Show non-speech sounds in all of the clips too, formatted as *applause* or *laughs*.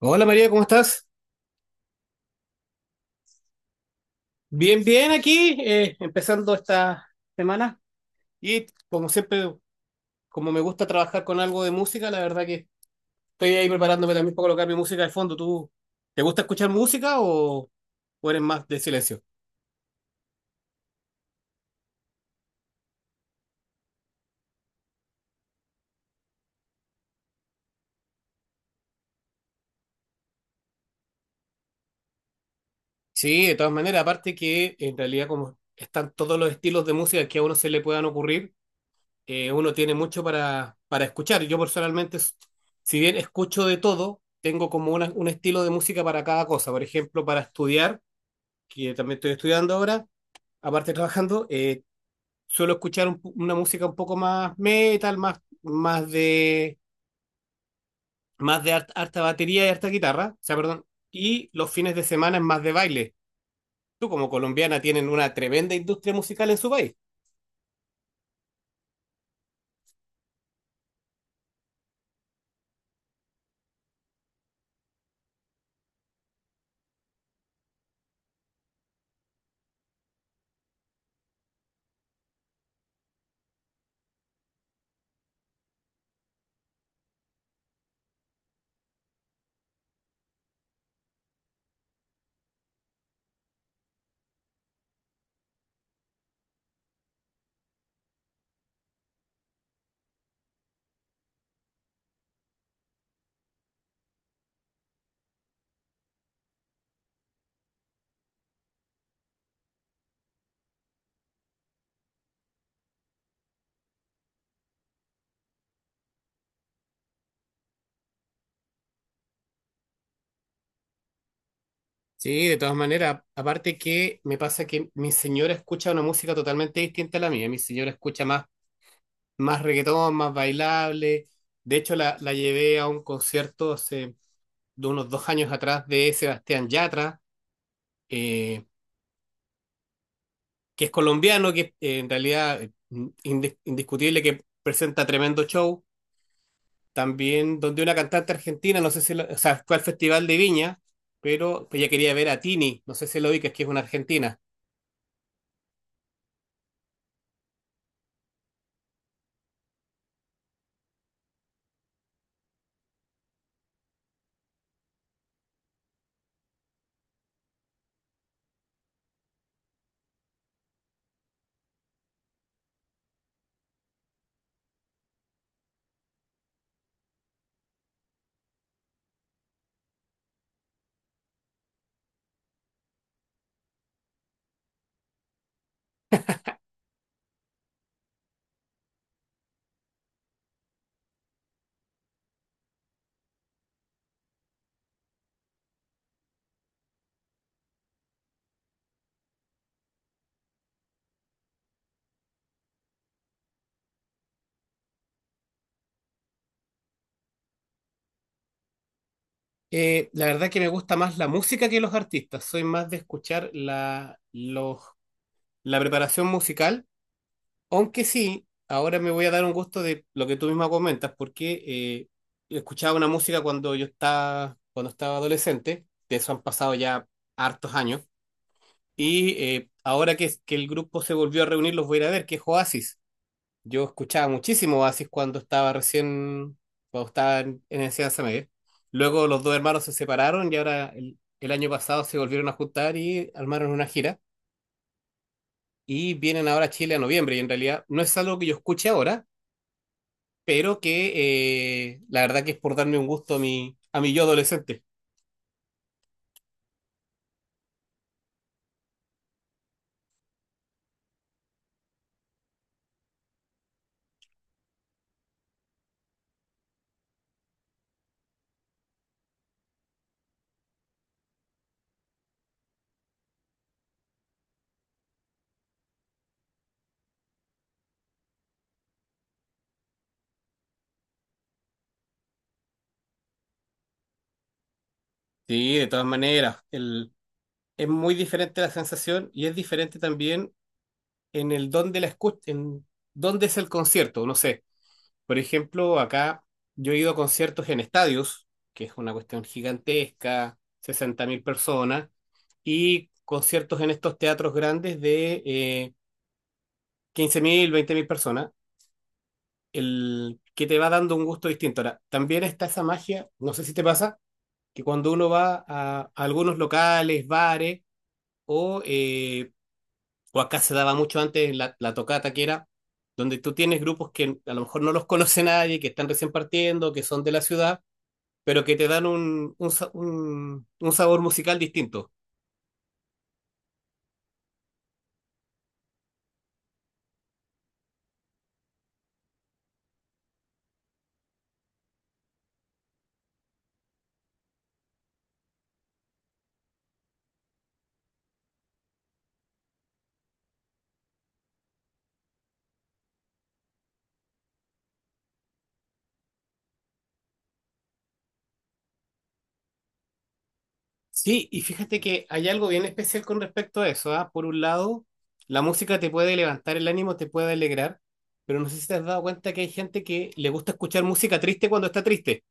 Hola María, ¿cómo estás? Bien, bien aquí, empezando esta semana. Y como siempre, como me gusta trabajar con algo de música, la verdad que estoy ahí preparándome también para colocar mi música de fondo. ¿Tú te gusta escuchar música o eres más de silencio? Sí, de todas maneras, aparte que en realidad como están todos los estilos de música que a uno se le puedan ocurrir, uno tiene mucho para escuchar. Yo personalmente, si bien escucho de todo, tengo como un estilo de música para cada cosa. Por ejemplo, para estudiar, que también estoy estudiando ahora, aparte de trabajando, suelo escuchar una música un poco más metal, más de harta batería y harta guitarra, o sea, perdón, y los fines de semana es más de baile. Tú como colombiana tienen una tremenda industria musical en su país. Sí, de todas maneras, aparte que me pasa que mi señora escucha una música totalmente distinta a la mía. Mi señora escucha más, más reggaetón, más bailable. De hecho, la llevé a un concierto hace de unos 2 años atrás de Sebastián Yatra, eh, que es colombiano, que en realidad, indiscutible que presenta tremendo show. También donde una cantante argentina, no sé si, o sea, fue al Festival de Viña, pero ella quería ver a Tini, no sé si lo ubicas, que es una argentina. La verdad que me gusta más la música que los artistas, soy más de escuchar la preparación musical. Aunque sí, ahora me voy a dar un gusto de lo que tú misma comentas, porque escuchaba una música cuando yo estaba, cuando estaba adolescente, de eso han pasado ya hartos años, y ahora que el grupo se volvió a reunir, los voy a ir a ver, que es Oasis. Yo escuchaba muchísimo Oasis cuando estaba recién, cuando estaba en enseñanza media. Luego los dos hermanos se separaron y ahora el año pasado se volvieron a juntar y armaron una gira. Y vienen ahora a Chile a noviembre, y en realidad no es algo que yo escuche ahora, pero que, la verdad que es por darme un gusto a mi yo adolescente. Sí, de todas maneras, el, es muy diferente la sensación y es diferente también en el dónde en dónde es el concierto, no sé. Por ejemplo, acá yo he ido a conciertos en estadios, que es una cuestión gigantesca, 60 mil personas, y conciertos en estos teatros grandes de 15 mil, 20 mil personas, el que te va dando un gusto distinto. Ahora, también está esa magia, no sé si te pasa, que cuando uno va a algunos locales, bares, o, eh, o acá se daba mucho antes la tocata, que era donde tú tienes grupos que a lo mejor no los conoce nadie, que están recién partiendo, que son de la ciudad, pero que te dan un sabor musical distinto. Sí, y fíjate que hay algo bien especial con respecto a eso, ¿ah? Por un lado, la música te puede levantar el ánimo, te puede alegrar, pero no sé si te has dado cuenta que hay gente que le gusta escuchar música triste cuando está triste,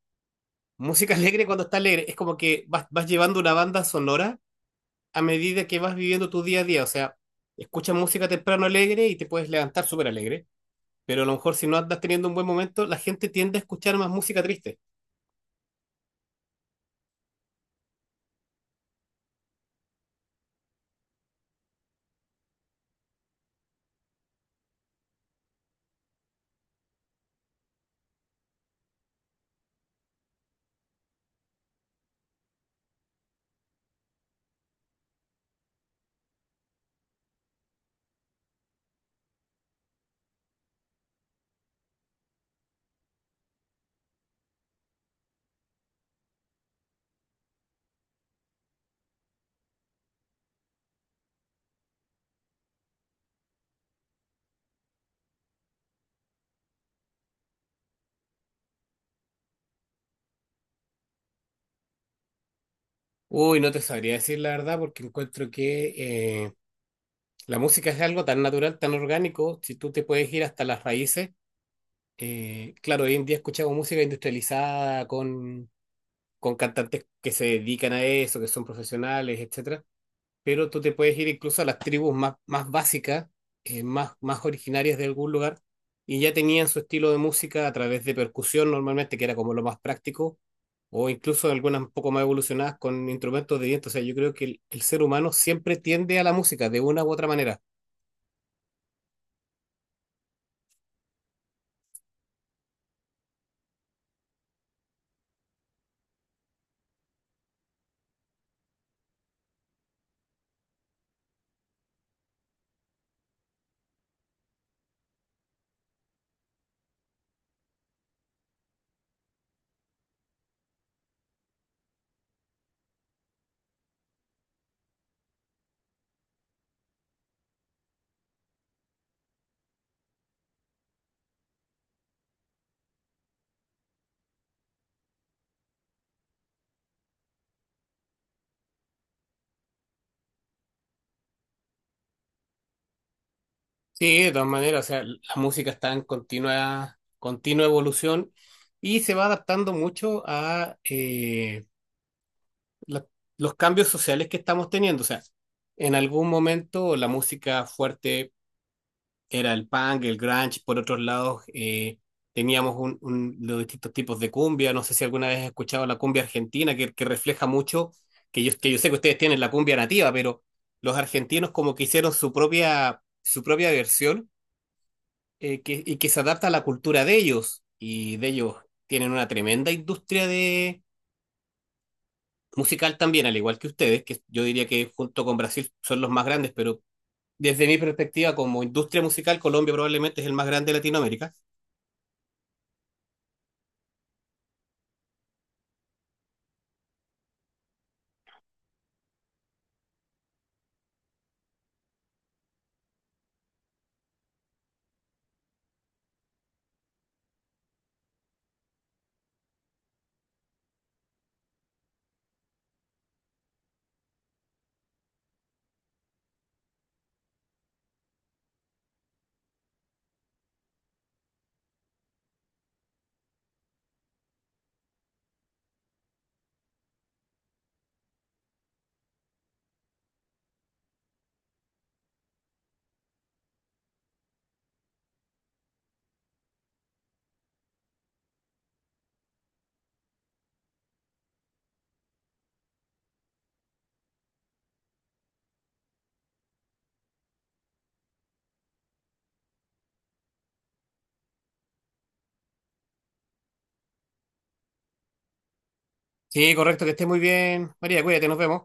música *laughs* alegre cuando está alegre. Es como que vas llevando una banda sonora a medida que vas viviendo tu día a día. O sea, escuchas música temprano alegre y te puedes levantar súper alegre, pero a lo mejor si no andas teniendo un buen momento, la gente tiende a escuchar más música triste. Uy, no te sabría decir la verdad porque encuentro que... la música es algo tan natural, tan orgánico, si tú te puedes ir hasta las raíces. Claro, hoy en día escuchamos música industrializada con cantantes que se dedican a eso, que son profesionales, etcétera, pero tú te puedes ir incluso a las tribus más, más básicas, más, más originarias de algún lugar, y ya tenían su estilo de música a través de percusión normalmente, que era como lo más práctico, o incluso algunas un poco más evolucionadas con instrumentos de viento. O sea, yo creo que el ser humano siempre tiende a la música de una u otra manera. Sí, de todas maneras, o sea, la música está en continua, continua evolución y se va adaptando mucho a la- los cambios sociales que estamos teniendo. O sea, en algún momento la música fuerte era el punk, el grunge, por otros lados teníamos los distintos tipos de cumbia. No sé si alguna vez has escuchado la cumbia argentina, que refleja mucho, que que yo sé que ustedes tienen la cumbia nativa, pero los argentinos como que hicieron su propia versión, y que se adapta a la cultura de ellos. Y de ellos tienen una tremenda industria de musical también, al igual que ustedes, que yo diría que junto con Brasil son los más grandes, pero desde mi perspectiva como industria musical, Colombia probablemente es el más grande de Latinoamérica. Sí, correcto, que estés muy bien. María, cuídate, nos vemos.